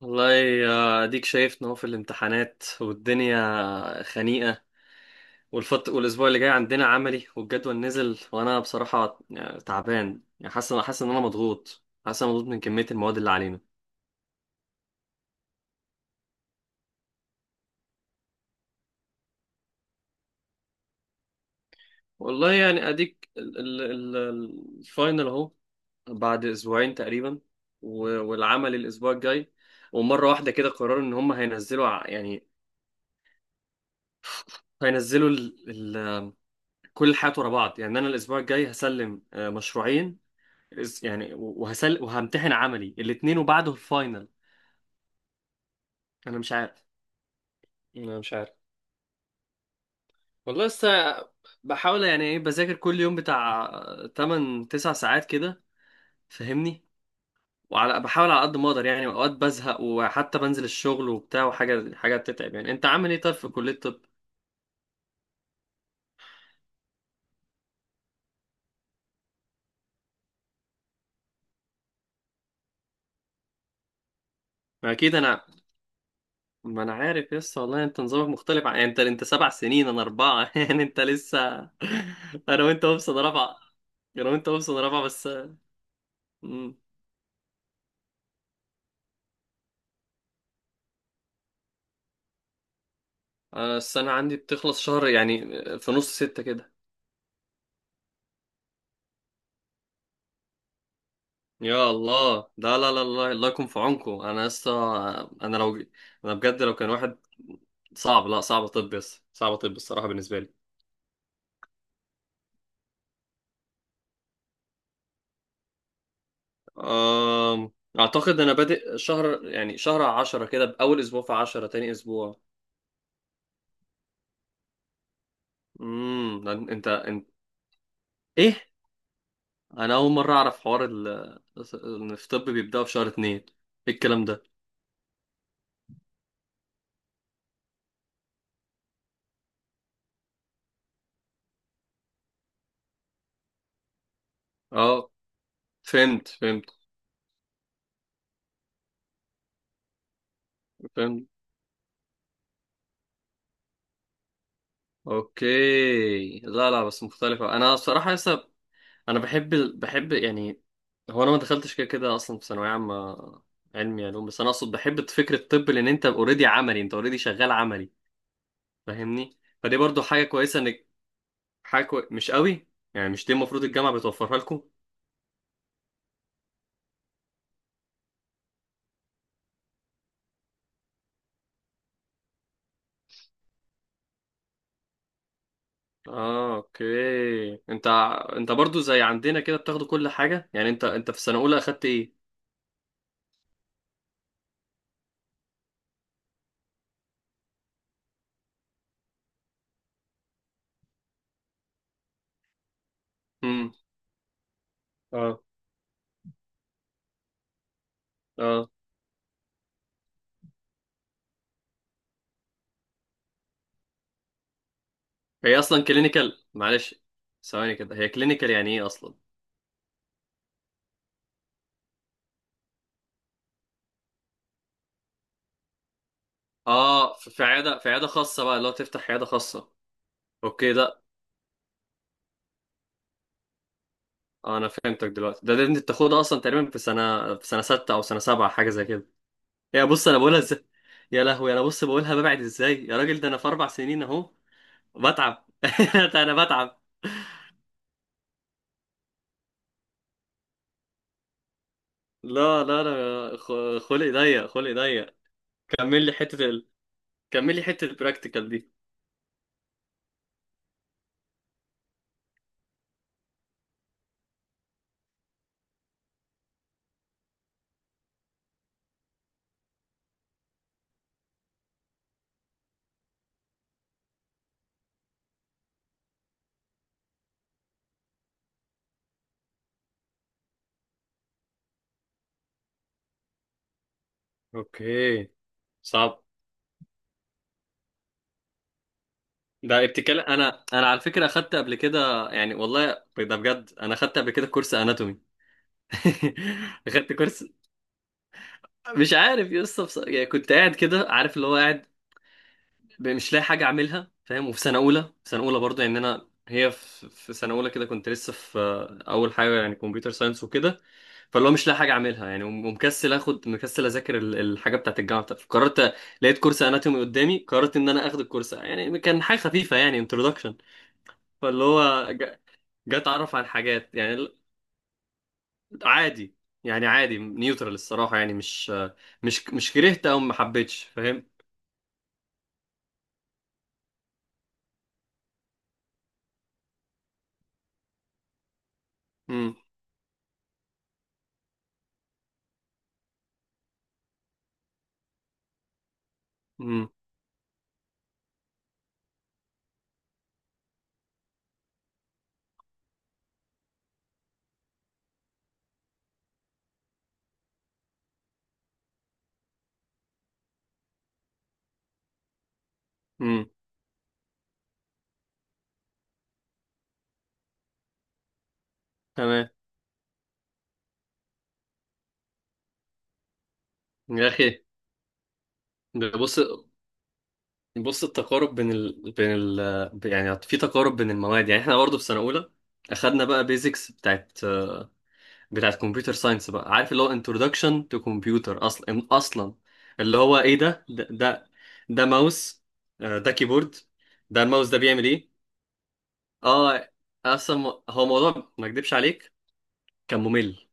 والله اديك شايف ان هو في الامتحانات والدنيا خنيقة. والفط والاسبوع اللي جاي عندنا عملي والجدول نزل، وانا بصراحة يعني تعبان، يعني حاسس ان انا مضغوط، حاسس إن انا مضغوط من كمية المواد اللي علينا. والله يعني اديك الفاينل اهو، بعد اسبوعين تقريبا، والعمل الاسبوع الجاي. ومرة واحدة كده قرروا ان هم هينزلوا يعني هينزلوا ال- كل الحاجات ورا بعض. يعني انا الاسبوع الجاي هسلم مشروعين، يعني وهمتحن عملي الاتنين، وبعده الفاينل. انا مش عارف انا مش عارف، والله لسه بحاول. يعني ايه، بذاكر كل يوم بتاع 8 9 ساعات كده، فاهمني؟ بحاول على قد ما اقدر، يعني اوقات بزهق وحتى بنزل الشغل وبتاع، وحاجه حاجه بتتعب. يعني انت عامل ايه طيب في كليه الطب؟ ما اكيد انا ما انا عارف لسه والله، انت نظامك مختلف عن... يعني انت 7 سنين انا اربعه يعني انت لسه. انا وانت وابصد رابعه انا وانت وابصد رابعه بس. مم. أنا السنة عندي بتخلص شهر يعني، في نص ستة كده. يا الله، ده لا لا لا، الله يكون في عونكم، أنا لسه. أنا لو أنا بجد لو كان واحد. صعب، لا صعب، طب بس صعب، طب الصراحة بالنسبة لي. أم... أعتقد أنا بادئ شهر، يعني شهر 10 كده، بأول أسبوع في عشرة، تاني أسبوع. امم. أنت إيه، أنا أول مرة أعرف حوار ال... إن في طب بيبدأوا في شهر 2. إيه الكلام ده؟ أه، فهمت فهمت فهمت. اوكي، لا لا، بس مختلفة. انا بصراحة لسه، انا بحب، يعني هو انا ما دخلتش كده كده اصلا في ثانوية عامة علمي علوم. بس انا اقصد بحب فكرة الطب، لان انت اوريدي عملي، انت اوريدي شغال عملي، فاهمني؟ فدي برضو حاجة كويسة انك... مش قوي. يعني مش دي المفروض الجامعة بتوفرها لكم؟ اه اوكي. انت برضو زي عندنا كده بتاخدوا كل حاجة. يعني انت في سنة اولى اخدت ايه؟ امم، اه، اه. هي اصلا كلينيكال، معلش، ثواني كده، هي كلينيكال يعني ايه اصلا؟ اه، في في عياده في عياده خاصه بقى، اللي هو تفتح عياده خاصه. اوكي ده، آه انا فهمتك دلوقتي. ده انت بتاخدها اصلا تقريبا في سنه سته او سنه سبعه، حاجه زي كده. يا بص انا بقولها ازاي، يا لهوي انا بص بقولها ببعد ازاي يا راجل، ده انا في 4 سنين اهو بتعب ده انا بتعب. لا لا، خلقي ضيق، خلقي ضيق. كمل لي حته ال... كمل لي حته البراكتيكال دي. اوكي. صعب، ده ابتكال. انا على فكره اخدت قبل كده، يعني والله ده بجد، انا اخدت قبل كده كورس اناتومي اخدت كورس. مش عارف يا اسطى، بص... يعني كنت قاعد كده، عارف اللي هو قاعد، مش لاقي حاجه اعملها، فاهم؟ وفي سنه اولى، برضه، يعني انا هي في في سنه اولى كده كنت لسه في اول حاجه، يعني كمبيوتر ساينس وكده. فاللي هو مش لاقي حاجه اعملها يعني، ومكسل اخد، مكسل اذاكر الحاجه بتاعت الجامعه بتاعتي، فقررت. لقيت كورس اناتومي قدامي، قررت ان انا اخد الكورس. يعني كان حاجه خفيفه، يعني انترودكشن. فاللي هو جاي اتعرف عن حاجات، يعني عادي، يعني عادي نيوترال الصراحه، يعني مش كرهت او ما حبيتش، فاهم؟ امم، امم، امم، تمام. يا اخي، بص بص، التقارب بين ال... بين ال... يعني في تقارب بين المواد. يعني احنا برضه في سنه اولى اخدنا بقى بيزكس بتاعت كمبيوتر ساينس، بقى عارف اللي هو انترودكشن تو كمبيوتر، اصلا اصلا اللي هو ايه؟ ده ماوس، ده كيبورد، ده الماوس ده بيعمل ايه؟ اه. اصلا هو موضوع ما اكدبش عليك، كان ممل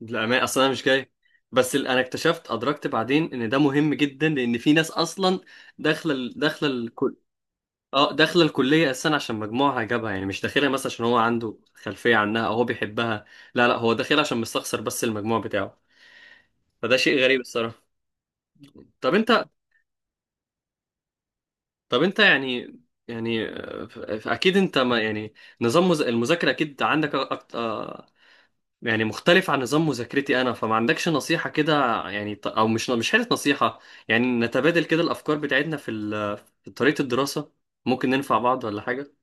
للامانه. اصلا انا مش جاي، بس انا اكتشفت، ادركت بعدين ان ده مهم جدا، لان في ناس اصلا داخله الكل. اه، داخله الكليه اساسا عشان مجموعها جابها، يعني مش داخلها مثلا عشان هو عنده خلفيه عنها او هو بيحبها. لا لا، هو داخلها عشان مستخسر بس المجموع بتاعه. فده شيء غريب الصراحه. طب انت طب انت يعني، يعني اكيد انت، ما يعني، نظام المذاكره اكيد عندك أكتر، يعني مختلف عن نظام مذاكرتي انا، فما عندكش نصيحة كده؟ يعني او مش حاجة نصيحة، يعني نتبادل كده الافكار بتاعتنا في في طريقة الدراسة، ممكن ننفع بعض ولا حاجة.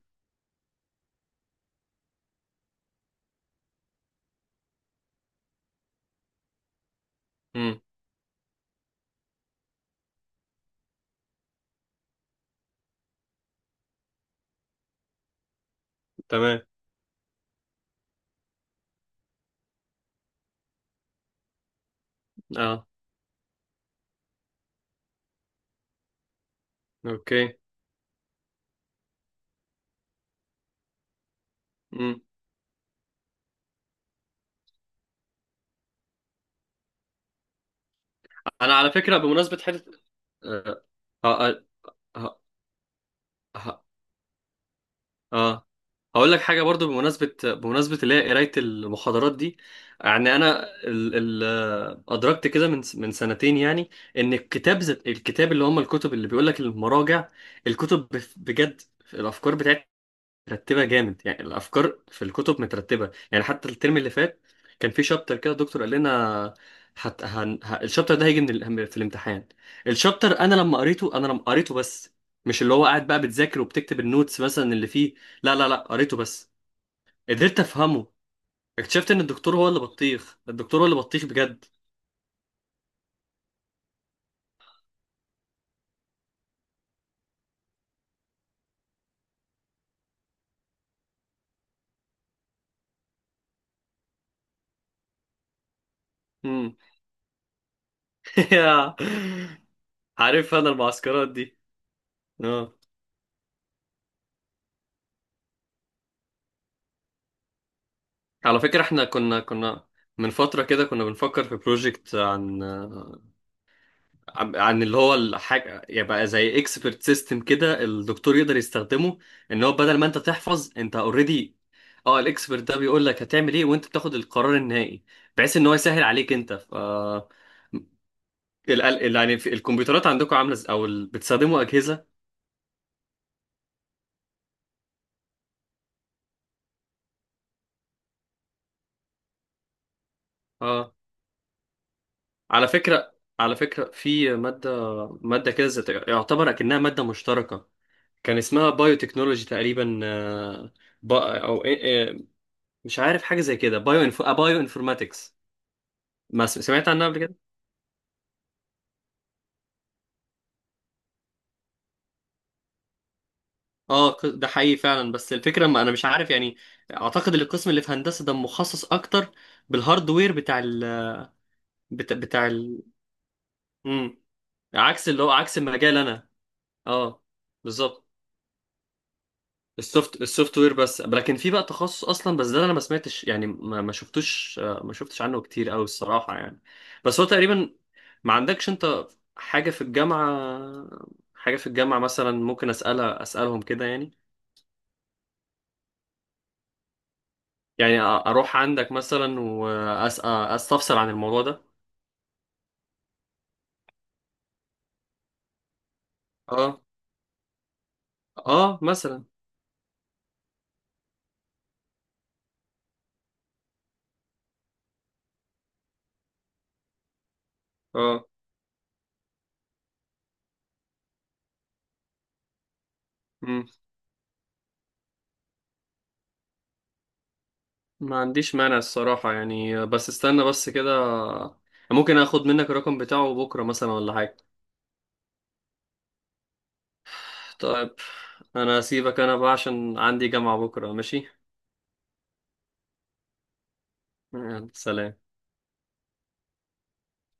امم، تمام، اه، اوكي، امم. انا على فكرة بمناسبة حتة، آه، آه، آه، آه، اه. هقول لك حاجه برضو بمناسبه، اللي هي قرايه المحاضرات دي. يعني انا ال... ال... آه، ادركت كده من من سنتين يعني، ان الكتاب الكتاب اللي هم الكتب اللي بيقول لك المراجع، الكتب بجد، الافكار بتاعتها مرتبه جامد. يعني الافكار في الكتب مترتبه، يعني حتى الترم اللي فات كان في شابتر كده الدكتور قال لنا الشابتر ده هيجي من في الامتحان. الشابتر انا لما قريته، بس مش اللي هو قاعد بقى بتذاكر وبتكتب النوتس مثلا اللي فيه، لا لا لا، قريته بس، قدرت افهمه. اكتشفت ان الدكتور هو اللي بطيخ، بجد. مم. عارف انا المعسكرات دي. اه، على فكره احنا كنا كنا من فتره كده كنا بنفكر في بروجكت عن اللي هو الحاجة، يبقى زي اكسبرت سيستم كده الدكتور يقدر يستخدمه، ان هو بدل ما انت تحفظ انت اوريدي، اه الاكسبرت ده بيقول لك هتعمل ايه وانت بتاخد القرار النهائي، بحيث ان هو يسهل عليك انت. ف يعني في الكمبيوترات عندكم عاملة او بتستخدموا اجهزة؟ اه، على فكرة، على فكرة في مادة مادة كده يعتبر اكنها مادة مشتركة، كان اسمها بايو تكنولوجي تقريبا، إيه، مش عارف حاجة زي كده، بايو انفو، بايو انفورماتكس. ما س- سمعت عنها قبل كده؟ اه، ده حقيقي فعلا، بس الفكره، ما انا مش عارف يعني، اعتقد ان القسم اللي في هندسه ده مخصص اكتر بالهاردوير بتاع ال... بتاع ال... مم. عكس اللي هو عكس المجال انا. اه، بالظبط. السوفت وير بس. لكن في بقى تخصص اصلا، بس ده انا ما سمعتش، يعني ما, ما شفتوش ما شفتش عنه كتير قوي الصراحه، يعني بس هو تقريبا... ما عندكش انت حاجه في الجامعه، مثلا ممكن اسالها، اسالهم كده يعني؟ يعني اروح عندك مثلا واستفسر عن الموضوع ده. اه، اه مثلا، اه. مم. ما عنديش مانع الصراحة، يعني بس استنى بس كده، ممكن اخد منك الرقم بتاعه بكرة مثلا ولا حاجة؟ طيب. انا اسيبك انا بقى عشان عندي جامعة بكرة، ماشي. يلا، سلام.